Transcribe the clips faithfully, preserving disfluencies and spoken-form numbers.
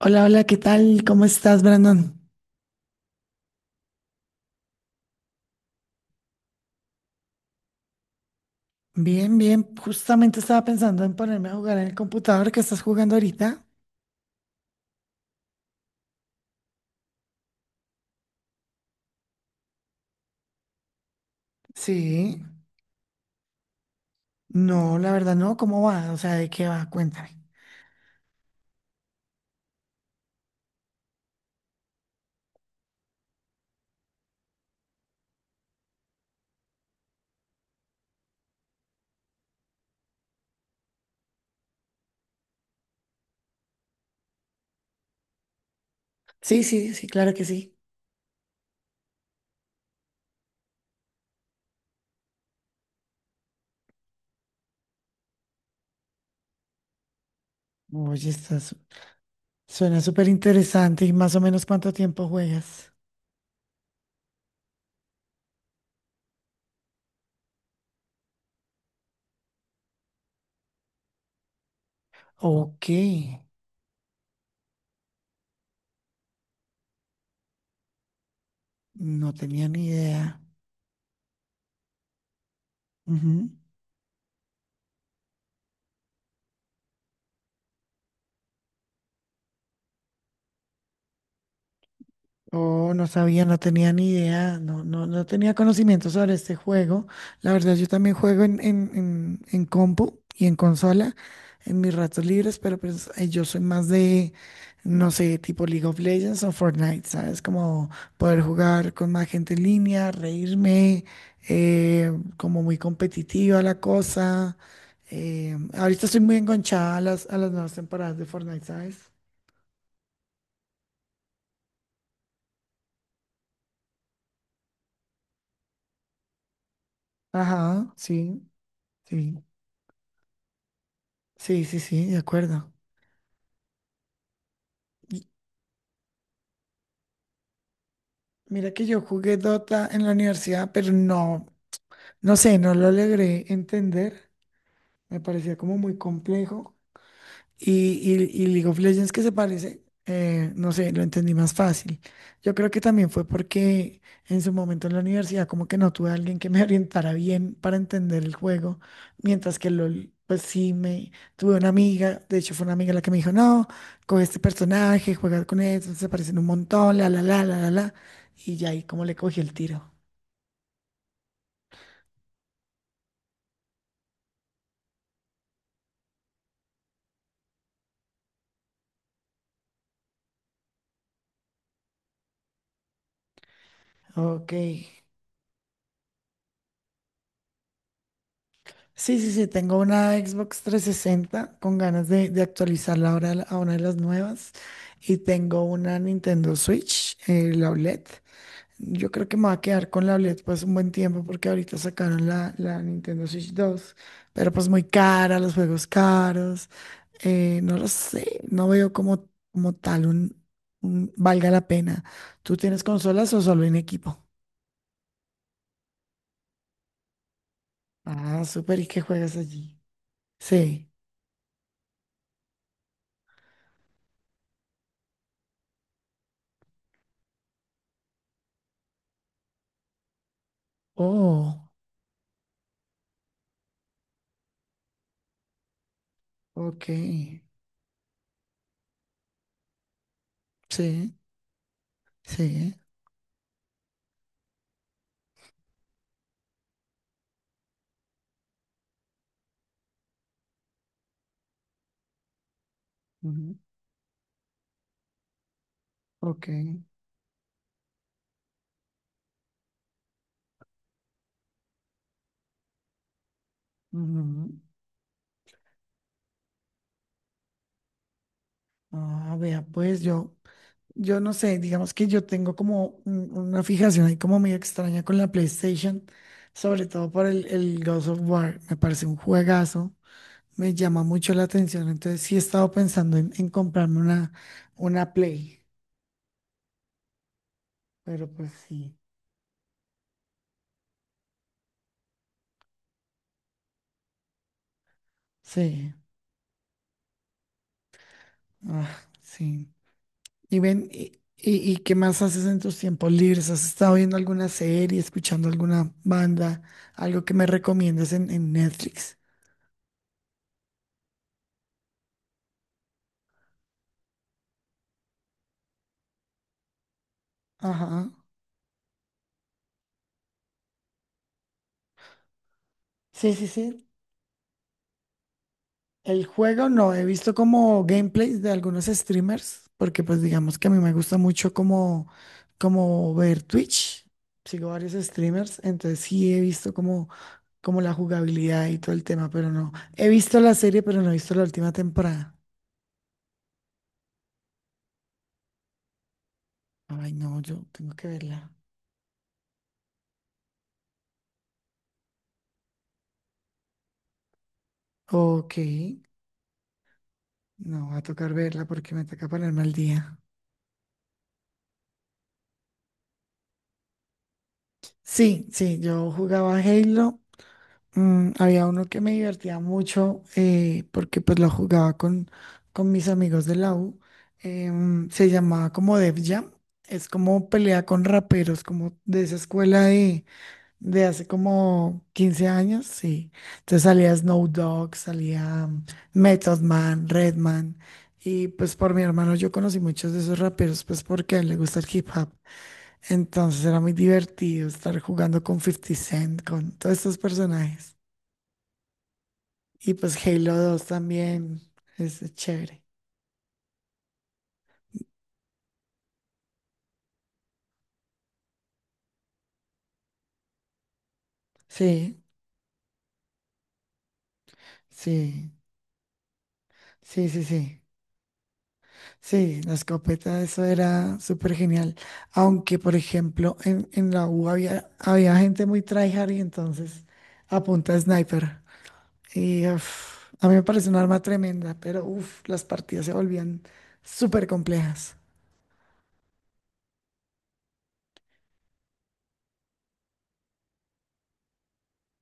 Hola, hola, ¿qué tal? ¿Cómo estás, Brandon? Bien, bien. Justamente estaba pensando en ponerme a jugar en el computador que estás jugando ahorita. Sí. No, la verdad no. ¿Cómo va? O sea, ¿de qué va? Cuéntame. Sí, sí, sí, claro que sí. Oye, estás... suena súper interesante. ¿Y más o menos cuánto tiempo juegas? Ok. No tenía ni idea. Ujú. Oh, no sabía, no tenía ni idea, no, no, no tenía conocimiento sobre este juego. La verdad, yo también juego en, en, en, en compu y en consola en mis ratos libres, pero pues eh, yo soy más de, no sé, tipo League of Legends o Fortnite, ¿sabes? Como poder jugar con más gente en línea, reírme, eh, como muy competitiva la cosa. Eh, ahorita estoy muy enganchada a las, a las nuevas temporadas de Fortnite, ¿sabes? Ajá, sí, sí. Sí, sí, sí, de acuerdo. Y Mira que yo jugué Dota en la universidad, pero no, no sé, no lo logré entender. Me parecía como muy complejo. Y, y, y League of Legends que se parece, eh, no sé, lo entendí más fácil. Yo creo que también fue porque en su momento en la universidad como que no tuve a alguien que me orientara bien para entender el juego, mientras que LOL, pues sí, me tuve una amiga, de hecho fue una amiga la que me dijo, no, coge este personaje, juega con él, se parecen un montón, la, la, la, la, la, la, y ya ahí como le cogí el tiro. Ok. Sí, sí, sí, tengo una Xbox trescientos sesenta con ganas de, de actualizarla ahora a la- a una de las nuevas y tengo una Nintendo Switch, eh, la OLED. Yo creo que me va a quedar con la OLED pues un buen tiempo porque ahorita sacaron la, la Nintendo Switch dos, pero pues muy cara, los juegos caros, eh, no lo sé, no veo como, como tal un, un- valga la pena. ¿Tú tienes consolas o solo en equipo? Ah, súper, ¿y qué juegas allí? Sí. Oh, ok. Sí, sí. Ujú. Ok. Ujú. Ah, vea, pues yo, yo no sé, digamos que yo tengo como un- una fijación ahí como medio extraña con la PlayStation, sobre todo por el, el Ghost of War, me parece un juegazo, me llama mucho la atención, entonces sí he estado pensando en, en comprarme una, una Play, pero pues sí, sí, ah, sí. ¿Y ven, y, y- y qué más haces en tus tiempos libres? ¿Has estado viendo alguna serie, escuchando alguna banda, algo que me recomiendes en, en Netflix? Ajá. Sí, sí, sí. El juego no, he visto como gameplays de algunos streamers, porque pues digamos que a mí me gusta mucho como, como ver Twitch. Sigo varios streamers, entonces sí he visto como, como la jugabilidad y todo el tema, pero no. He visto la serie, pero no he visto la última temporada. Ay, no, yo tengo que verla. Ok. No, va a tocar verla porque me toca ponerme al día. Sí, sí, yo jugaba Halo. Mm, había uno que me divertía mucho, eh, porque pues lo jugaba con, con mis amigos de la U. Em, se llamaba como Def Jam. Es como pelea con raperos, como de esa escuela de, de hace como quince años, sí. Entonces salía Snow Dogg, salía mm, Method Man, Redman. Y pues por mi hermano yo conocí muchos de esos raperos, pues porque a él le gusta el hip hop. Entonces era muy divertido estar jugando con Fifty Cent, con todos estos personajes. Y pues Halo dos también es chévere. Sí, sí, sí, sí, sí. Sí, la escopeta, eso era súper genial. Aunque, por ejemplo, en, en la U había, había gente muy tryhard y entonces apunta a punta de sniper. Y uf, a mí me parece un arma tremenda, pero uf, las partidas se volvían súper complejas.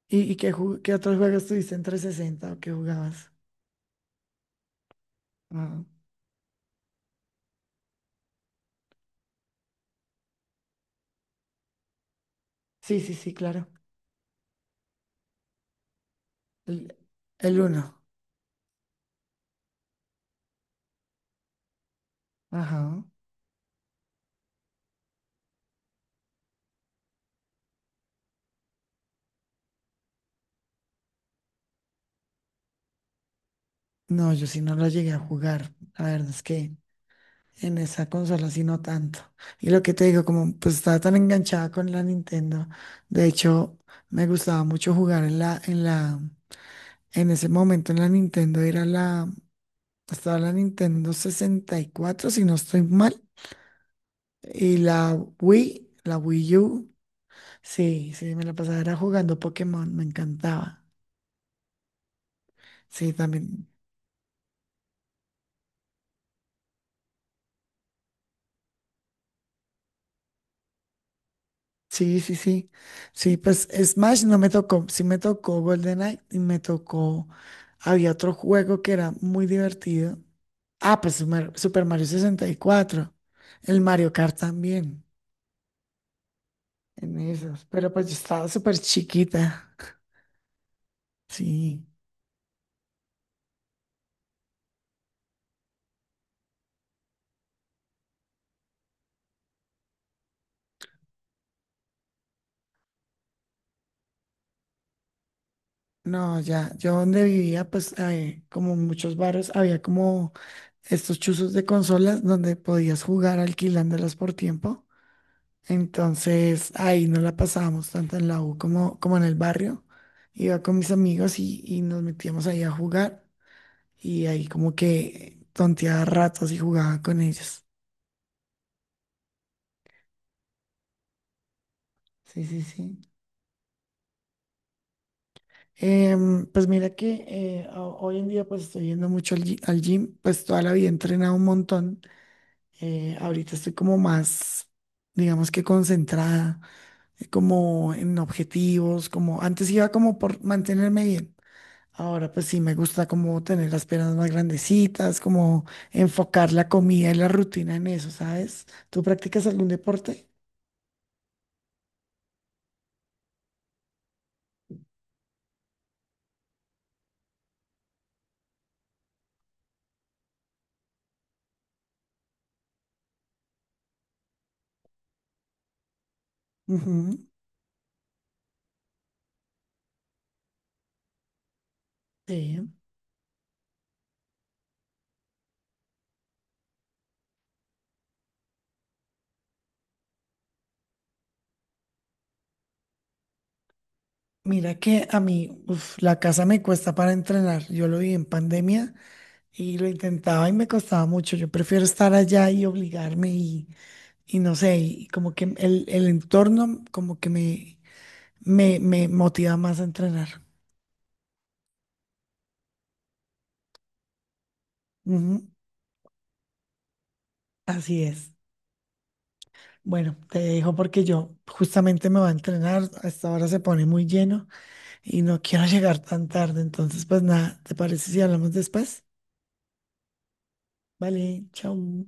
¿Y, y qué, ju- qué otros juegos tuviste en trescientos sesenta o qué jugabas? Ah, sí, sí, sí, claro. El, el uno. Ajá. No, yo sí no lo llegué a jugar. La verdad es que en esa consola sí no tanto. Y lo que te digo, como pues estaba tan enganchada con la Nintendo. De hecho, me gustaba mucho jugar en la, en la, en ese momento en la Nintendo era la, estaba la Nintendo sesenta y cuatro si no estoy mal. Y la Wii, la Wii U. Sí, sí, me la pasaba era jugando Pokémon, me encantaba. Sí, también. Sí, sí, sí. Sí, pues Smash no me tocó. Sí me tocó GoldenEye y me tocó. Había otro juego que era muy divertido. Ah, pues Super, Super Mario sesenta y cuatro. El Mario Kart también, en esos. Pero pues yo estaba súper chiquita. Sí. No, ya, yo donde vivía, pues eh, como muchos barrios, había como estos chuzos de consolas donde podías jugar alquilándolas por tiempo. Entonces ahí no la pasábamos tanto en la U como, como en el barrio. Iba con mis amigos y, y nos metíamos ahí a jugar y ahí como que tonteaba ratos y jugaba con ellos. Sí, sí, sí. Em, pues mira que eh, ho- hoy en día pues estoy yendo mucho al, gi- al gym, pues toda la vida he entrenado un montón. Eh, ahorita estoy como más, digamos que concentrada, eh, como en objetivos, como antes iba como por mantenerme bien. Ahora pues sí me gusta como tener las piernas más grandecitas, como enfocar la comida y la rutina en eso, ¿sabes? ¿Tú practicas algún deporte? Ujú, sí. Mira que a mí, uf, la casa me cuesta para entrenar. Yo lo vi en pandemia y lo intentaba y me costaba mucho. Yo prefiero estar allá y obligarme y Y no sé, y como que el, el entorno como que me, me, me motiva más a entrenar. Ujú, así es. Bueno, te dejo porque yo justamente me voy a entrenar. Hasta ahora se pone muy lleno y no quiero llegar tan tarde. Entonces, pues nada, ¿te parece si hablamos después? Vale, chao.